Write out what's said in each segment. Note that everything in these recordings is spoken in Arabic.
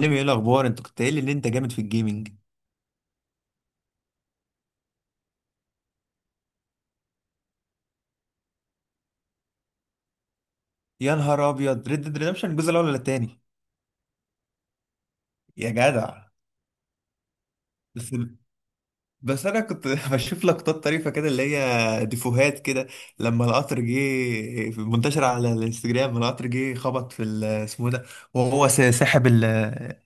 ليه؟ ايه الاخبار؟ انت كنت قايل لي ان انت جامد في الجيمنج. يا نهار ابيض! ريد ديد ريدمشن الجزء الاول ولا التاني؟ يا جدع! بس بس انا كنت بشوف لقطات طريفه كده، اللي هي ديفوهات كده، لما القطر جه. منتشر على الانستجرام، لما القطر جه خبط في اسمه ده، وهو ساحب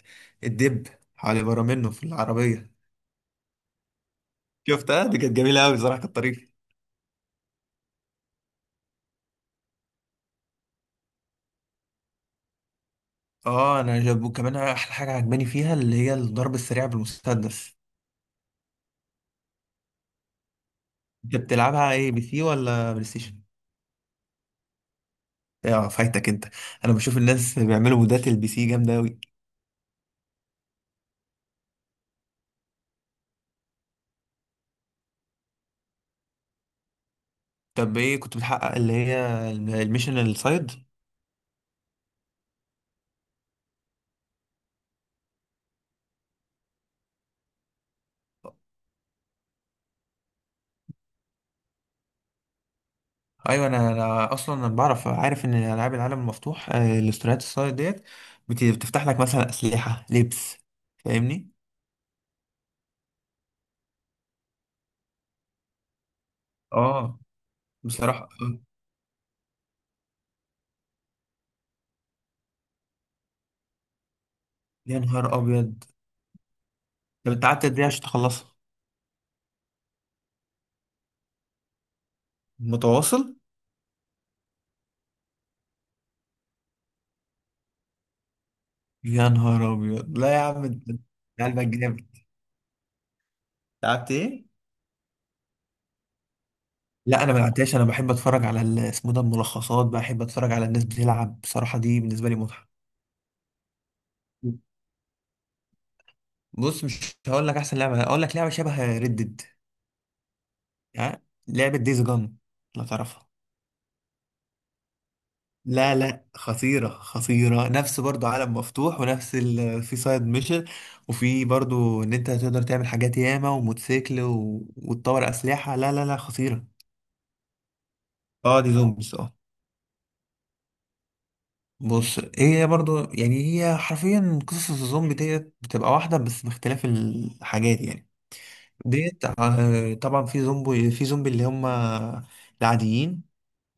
الدب على بره منه في العربيه. شفتها، دي كانت جميله قوي بصراحه، كانت طريفه. اه، انا جاب كمان احلى حاجه عجباني فيها اللي هي الضرب السريع بالمسدس. انت بتلعبها ايه، بي سي ولا بلاي ستيشن؟ اه، فايتك انت. انا بشوف الناس بيعملوا مودات البي سي جامده قوي. طب ايه كنت بتحقق، اللي هي الميشن السايد؟ ايوه، انا اصلا انا بعرف، عارف ان العاب العالم المفتوح الاستوريات السايد ديت بتفتح لك مثلا اسلحه، لبس. فاهمني؟ اه، بصراحه يا نهار ابيض. طب انت قعدت قد ايه عشان تخلصها؟ متواصل؟ يا نهار ابيض! لا يا عم انت، أنت قلبك جامد. لعبت ايه؟ لا انا ما لعبتهاش، انا بحب اتفرج على اسمه ده، الملخصات. بحب اتفرج على الناس بتلعب بصراحه، دي بالنسبه لي متعه. بص، مش هقول لك احسن لعبه، هقول لك لعبه شبه ريدد يعني، لعبه ديز جون. لا تعرفها؟ لا لا، خطيره خطيره، نفس برضو عالم مفتوح ونفس في سايد ميشن، وفي برضو ان انت تقدر تعمل حاجات ياما، وموتوسيكل وتطور اسلحه. لا لا لا، خطيره. اه، دي زومبيز اه. بص، هي برضو يعني، هي حرفيا قصص الزومبي ديت بتبقى واحدة بس باختلاف الحاجات يعني. ديت طبعا في زومبي، في زومبي اللي هم العاديين،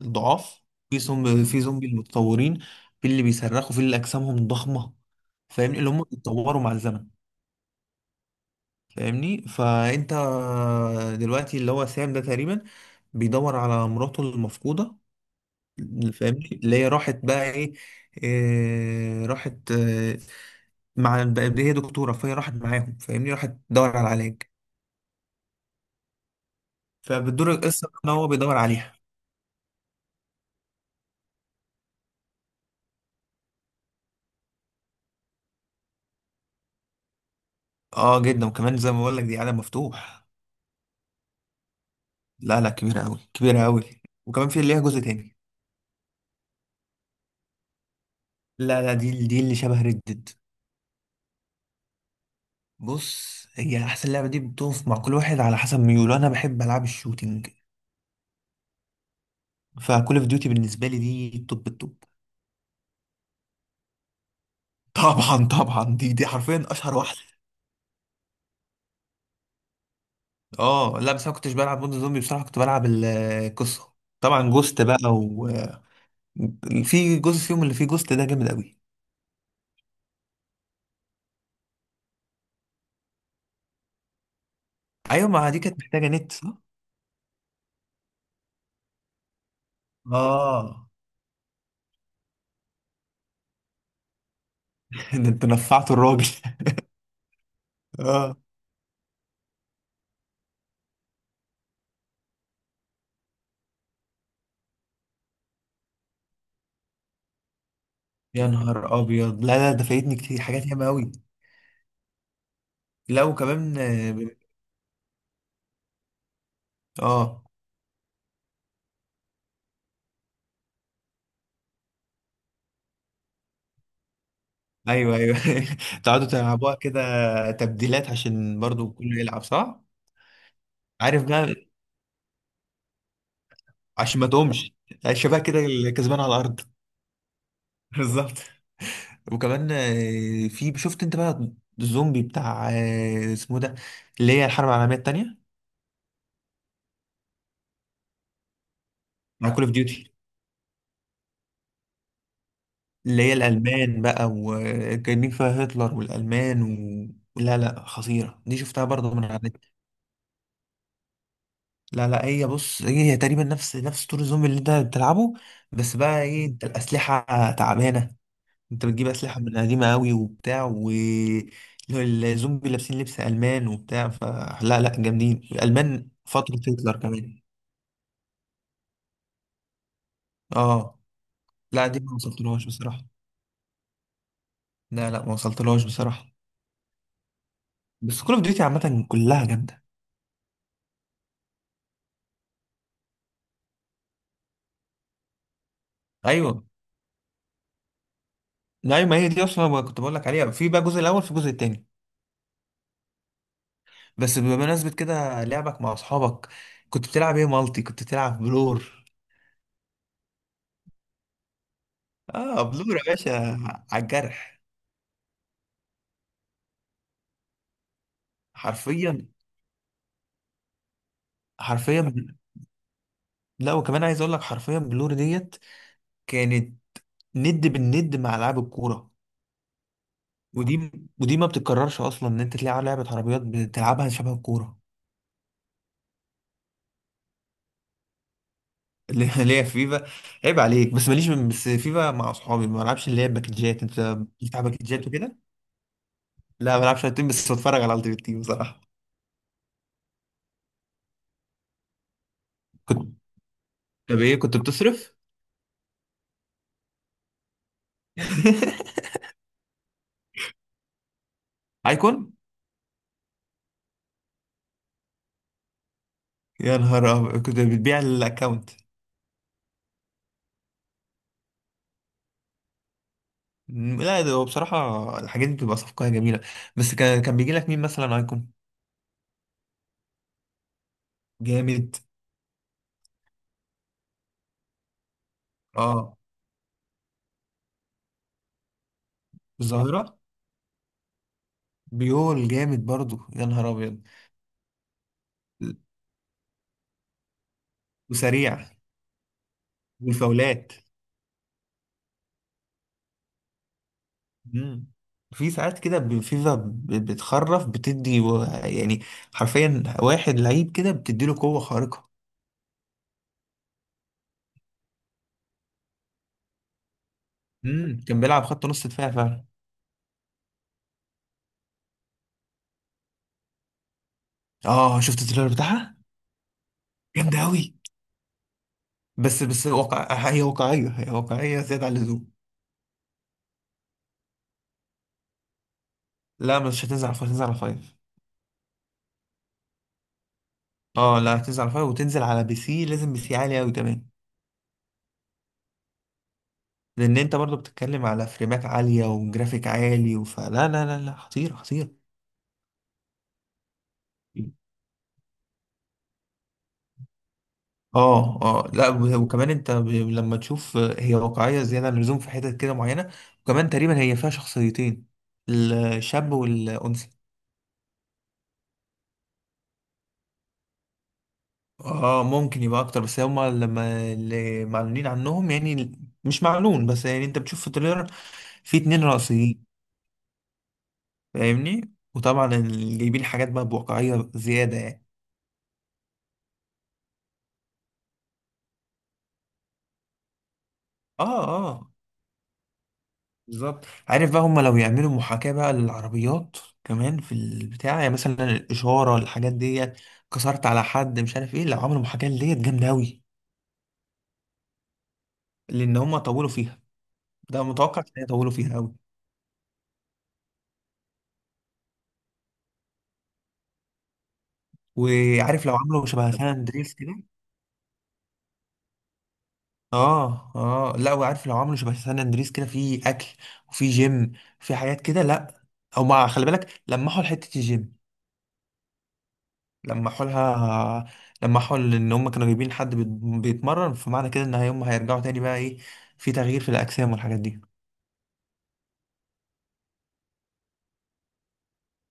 الضعاف. في زومبي، في زومبي المتطورين. في اللي بيصرخوا، في اللي أجسامهم ضخمة. فاهمني؟ اللي هم بيتطوروا مع الزمن. فاهمني؟ فأنت دلوقتي اللي هو سام ده تقريبا بيدور على مراته المفقودة. فاهمني؟ اللي هي راحت بقى ايه، راحت مع هي دكتورة، فهي راحت معاهم. فاهمني؟ راحت تدور على العلاج. فبتدور القصة ان هو بيدور عليها. اه جدا، وكمان زي ما بقول لك، دي عالم مفتوح. لا لا، كبيرة قوي، كبيرة قوي. وكمان في ليها جزء تاني. لا لا، دي اللي شبه ردد. بص، هي احسن لعبة دي بتقف مع كل واحد على حسب ميوله. انا بحب العاب الشوتينج، فكول اوف ديوتي بالنسبة لي دي التوب التوب. طبعا طبعا، دي حرفيا اشهر واحدة. اه، لا بس انا كنتش بلعب مود زومبي بصراحة، كنت بلعب القصة. طبعا، جوست بقى، في جزء فيهم اللي فيه جوست ده جامد قوي. ايوه، ما دي كانت محتاجه نت صح؟ اه. ده انت نفعت الراجل! اه، يا نهار ابيض! لا لا، ده فايتني كتير، حاجات ياما قوي. لا وكمان اه، آه، ايوه ايوه. تقعدوا تلعبوها كده، تبديلات عشان برضو كله يلعب صح. عارف بقى، عشان ما تقومش الشباب كده اللي كسبان على الارض. بالظبط. وكمان في، شفت انت بقى الزومبي بتاع اسمه ده، اللي هي الحرب العالميه الثانيه، مع كول اوف ديوتي؟ اللي هي الألمان بقى، وجايبين فيها هتلر والألمان لا لا، خطيرة، دي شفتها برضه من على النت. لا لا، هي بص، هي تقريبا نفس نفس طور الزومبي اللي انت بتلعبه، بس بقى ايه، انت الأسلحة تعبانة، انت بتجيب أسلحة من قديمة قوي وبتاع و الزومبي لابسين لبس ألمان وبتاع، فلا لا، جامدين الألمان فترة هتلر كمان. اه، لا دي ما وصلتلهاش بصراحة. لا لا، ما وصلتلهاش بصراحة. بس كل اوف ديوتي عامة كلها جامدة. ايوه. لا ما هي دي اصلا ما كنت بقول لك عليها، في بقى الجزء الاول، في الجزء التاني. بس بمناسبة كده، لعبك مع اصحابك، كنت بتلعب ايه مالتي؟ كنت بتلعب بلور؟ اه، بلور يا باشا! على الجرح. حرفيا، حرفيا. لا وكمان عايز اقول لك، حرفيا بلور ديت كانت ند بالند مع العاب الكورة. ودي، ودي ما بتتكررش اصلا ان انت تلاقي لعبة عربيات بتلعبها شبه الكورة. اللي اللي هي فيفا، عيب عليك. بس ماليش، بس فيفا مع اصحابي، ما بلعبش اللي هي باكجات، انت بتلعب باكجات وكده. لا ما بلعبش على التيم، بس بتفرج على التيم، التيم بصراحة. كنت، طب ايه كنت بتصرف؟ ايكون؟ يا نهار أبيض! كنت بتبيع الاكونت؟ لا، ده هو بصراحة الحاجات دي بتبقى صفقة جميلة. بس كان، كان بيجي لك مين مثلا ايكون؟ جامد. اه، الظاهرة؟ بيول جامد برضو، يا نهار ابيض! وسريع، والفاولات. مم. في ساعات كده فيفا بتخرف، بتدي يعني، حرفيا واحد لعيب كده بتديله قوة خارقة. امم، كان بيلعب خط نص دفاع فعلا. اه، شفت التريلر بتاعها؟ جامده قوي. بس واقع، هي واقعيه، هي واقعيه زياده عن اللزوم. لا مش هتنزل على فايف، هتنزل على فايف. اه، لا هتنزل على فايف، وتنزل على بي سي، لازم بي سي عالي قوي كمان. لان انت برضو بتتكلم على فريمات عاليه وجرافيك عالي، وفلا لا لا لا لا، خطيره خطيره. اه اه، لا وكمان انت لما تشوف، هي واقعيه زياده عن اللزوم في حتت كده معينه. وكمان تقريبا هي فيها شخصيتين، الشاب والانثى. اه، ممكن يبقى اكتر، بس هما لما اللي معلونين عنهم يعني، مش معلون، بس يعني انت بتشوف في التريلر في اتنين رئيسيين. فاهمني؟ وطبعا اللي جايبين حاجات بقى بواقعية زيادة يعني. اه، اه، بالظبط. عارف بقى هما لو يعملوا محاكاة بقى للعربيات كمان في البتاع يعني، مثلا الإشارة، الحاجات دي، كسرت على حد، مش عارف ايه، لو عملوا محاكاة ديت جامدة أوي. لأن هما طولوا فيها، ده متوقع إن هي طولوا فيها أوي. وعارف لو عملوا شبه، طب سان أندريس كده. اه اه، لا وعارف لو عملوا شبه سان اندريس كده، في اكل، وفي جيم، في حاجات كده، لا. او ما خلي بالك، لمحوا لحته الجيم، لمحوا لها، لمحوا ان هم كانوا جايبين حد بيتمرن، فمعنى كده ان هم هيرجعوا تاني بقى ايه، في تغيير في الاجسام والحاجات دي.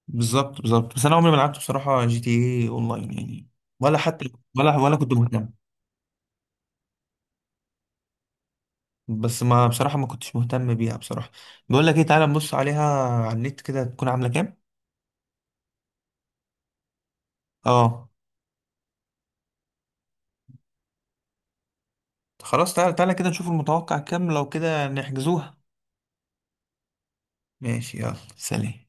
بالظبط بالظبط. بس انا عمري ما لعبت بصراحه جي تي اي اونلاين يعني، ولا حتى ولا كنت مهتم. بس ما بصراحه ما كنتش مهتم بيها بصراحه. بقول لك ايه، تعالى نبص عليها على النت كده، تكون عامله كام. اه، خلاص تعالى، تعالى كده نشوف المتوقع كام، لو كده نحجزوها. ماشي، يلا سلام.